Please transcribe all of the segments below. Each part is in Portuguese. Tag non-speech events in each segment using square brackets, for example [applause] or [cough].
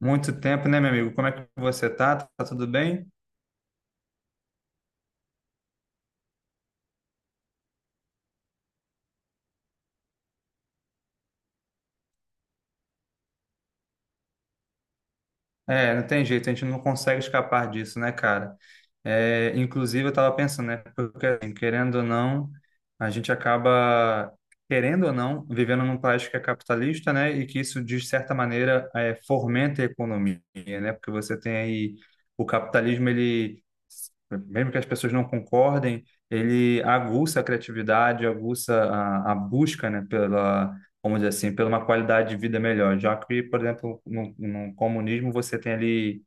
Muito tempo, né, meu amigo? Como é que você tá? Tá tudo bem? É, não tem jeito, a gente não consegue escapar disso, né, cara? É, inclusive, eu tava pensando, né? Porque, assim, querendo ou não, a gente acaba, querendo ou não, vivendo num país que é capitalista, né? E que isso, de certa maneira, é, fomenta a economia, né? Porque você tem aí o capitalismo, ele, mesmo que as pessoas não concordem, ele aguça a criatividade, aguça a busca, né, pela vamos dizer assim, por uma qualidade de vida melhor. Já que, por exemplo, no comunismo você tem ali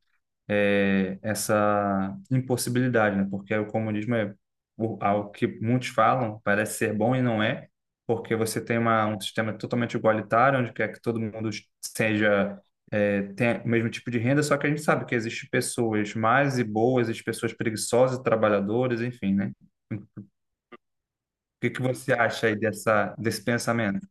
é, essa impossibilidade, né? Porque o comunismo é algo que muitos falam, parece ser bom e não é, porque você tem uma, um sistema totalmente igualitário, onde quer que todo mundo seja. É, tenha o mesmo tipo de renda, só que a gente sabe que existem pessoas más e boas, existem pessoas preguiçosas, e trabalhadoras, enfim, né? O que que você acha aí desse pensamento?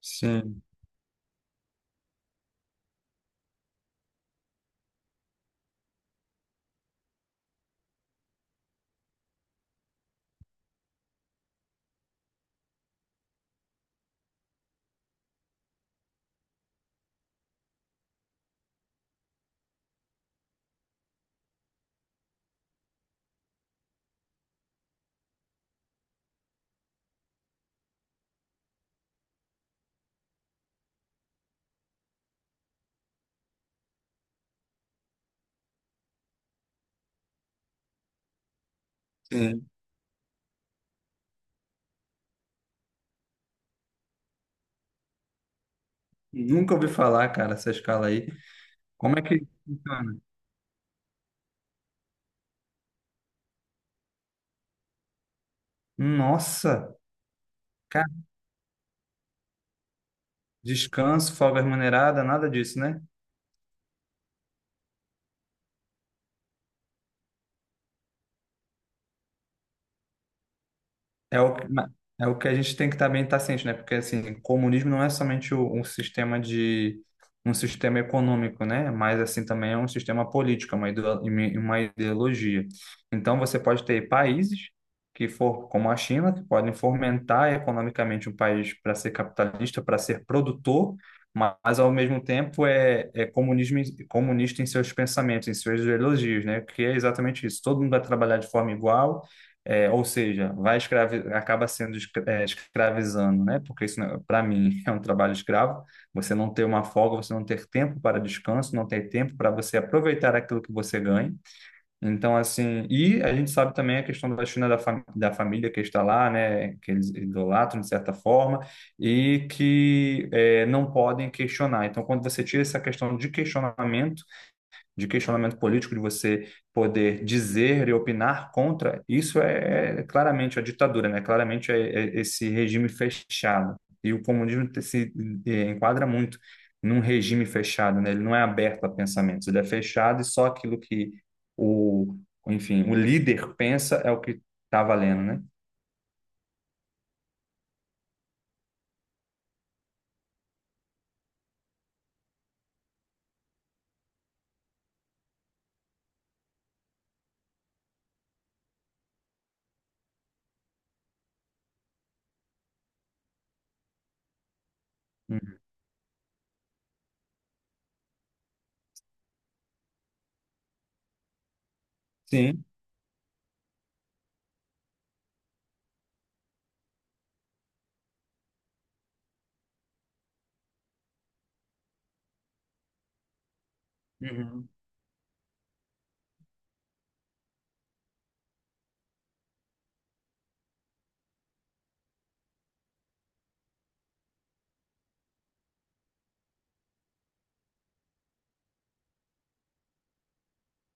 [laughs] Sim, sim. Nunca ouvi falar, cara, essa escala aí. Como é que funciona? Nossa, cara, descanso, folga remunerada, nada disso, né? É o, que- ma- É o que a gente tem que também estar ciente, né? Porque, assim, comunismo não é somente um sistema de... um sistema econômico, né? Mas, assim, também é um sistema político, é uma uma ideologia. Então, você pode ter países que for como a China, que podem fomentar economicamente um país para ser capitalista, para ser produtor, mas, ao mesmo tempo, é comunismo, comunista em seus pensamentos, em suas ideologias, né? Que é exatamente isso. Todo mundo vai trabalhar de forma igual, é, ou seja, vai escravi acaba sendo escravizando, né? Porque isso, para mim, [laughs] é um trabalho escravo. Você não ter uma folga, você não ter tempo para descanso, não ter tempo para você aproveitar aquilo que você ganha. Então, assim, e a gente sabe também a questão da China da família que está lá, né? Que eles idolatram de certa forma e que eh, não podem questionar. Então, quando você tira essa questão de questionamento político, de você poder dizer e opinar contra, isso é, é claramente a ditadura, né? Claramente é, é esse regime fechado. E o comunismo se eh, enquadra muito num regime fechado, né? Ele não é aberto a pensamentos, ele é fechado e só aquilo que o, enfim, o líder pensa é o que está valendo, né? Uhum. Sim. Uhum.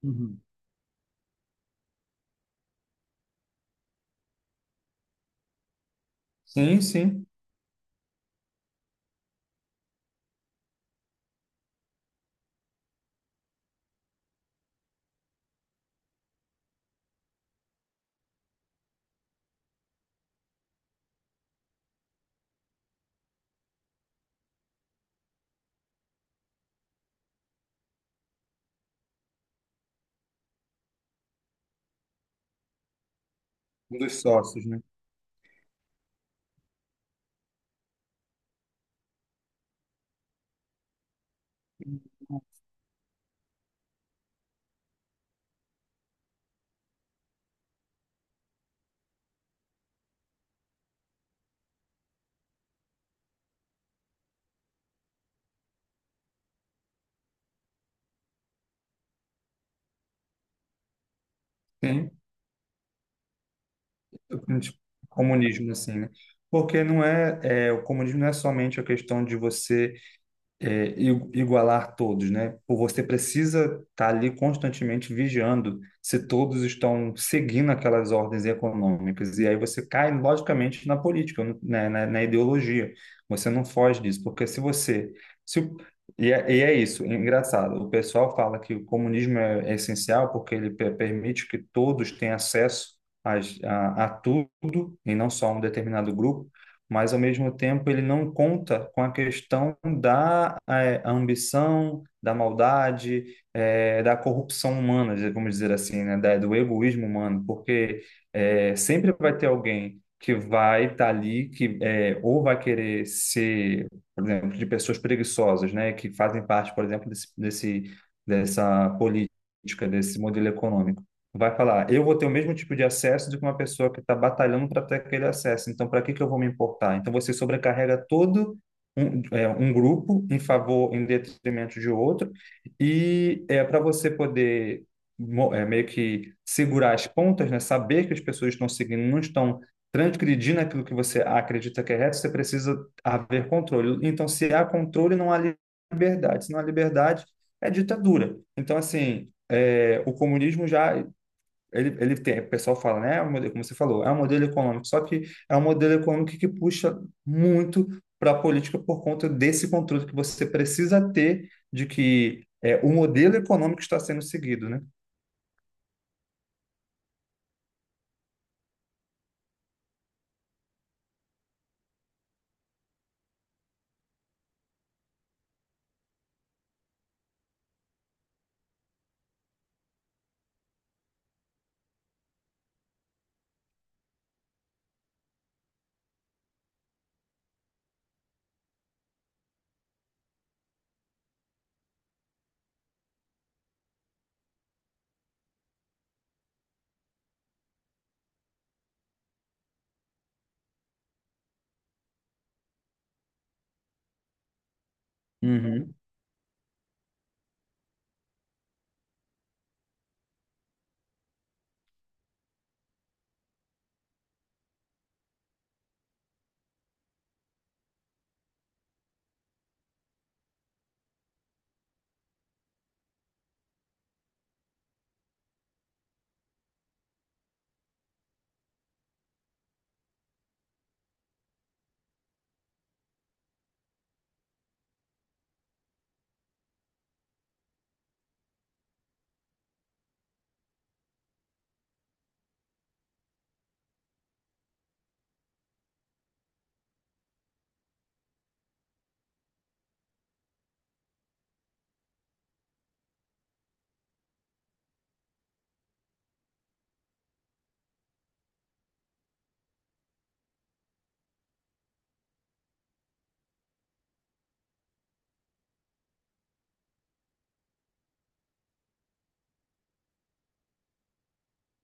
Uhum. Sim, sim. Um dos sócios, né? Sim. Tipo, comunismo assim, né? Porque não é, é, o comunismo não é somente a questão de você é, igualar todos, né? Você precisa estar ali constantemente vigiando se todos estão seguindo aquelas ordens econômicas. E aí você cai, logicamente, na política, na ideologia. Você não foge disso, porque se você. Se, o- E, é, e é isso, é engraçado. O pessoal fala que o comunismo é, é essencial porque ele permite que todos tenham acesso. A tudo e não só um determinado grupo, mas ao mesmo tempo ele não conta com a questão da eh, ambição, da maldade, eh, da corrupção humana, vamos dizer assim, né, do egoísmo humano, porque eh, sempre vai ter alguém que vai estar ali, que eh, ou vai querer ser, por exemplo, de pessoas preguiçosas, né, que fazem parte, por exemplo, dessa política, desse modelo econômico vai falar, eu vou ter o mesmo tipo de acesso do que uma pessoa que está batalhando para ter aquele acesso. Então, para que que eu vou me importar? Então, você sobrecarrega todo um, é, um grupo em favor, em detrimento de outro, e é para você poder é, meio que segurar as pontas, né? Saber que as pessoas estão seguindo, não estão transgredindo aquilo que você acredita que é reto, você precisa haver controle. Então, se há controle, não há liberdade. Se não há liberdade, é ditadura. Então, assim, é, o comunismo já ele, ele tem, o pessoal fala, né? É um modelo, como você falou, é um modelo econômico, só que é um modelo econômico que puxa muito para a política por conta desse controle que você precisa ter de que é, o modelo econômico está sendo seguido, né? Uhum,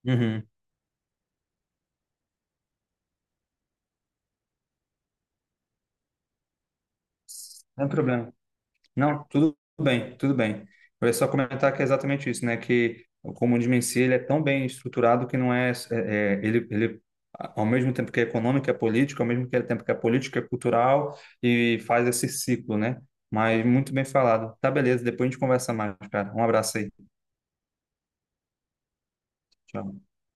uhum. Não é problema. Não, tudo bem, tudo bem. Eu ia só comentar que é exatamente isso, né? Que o comunismo em si ele é tão bem estruturado que não é, é, é, ele ao mesmo tempo que é econômico, é político, ao mesmo tempo que é político, é cultural e faz esse ciclo, né? Mas muito bem falado. Tá, beleza. Depois a gente conversa mais, cara. Um abraço aí. Tchau.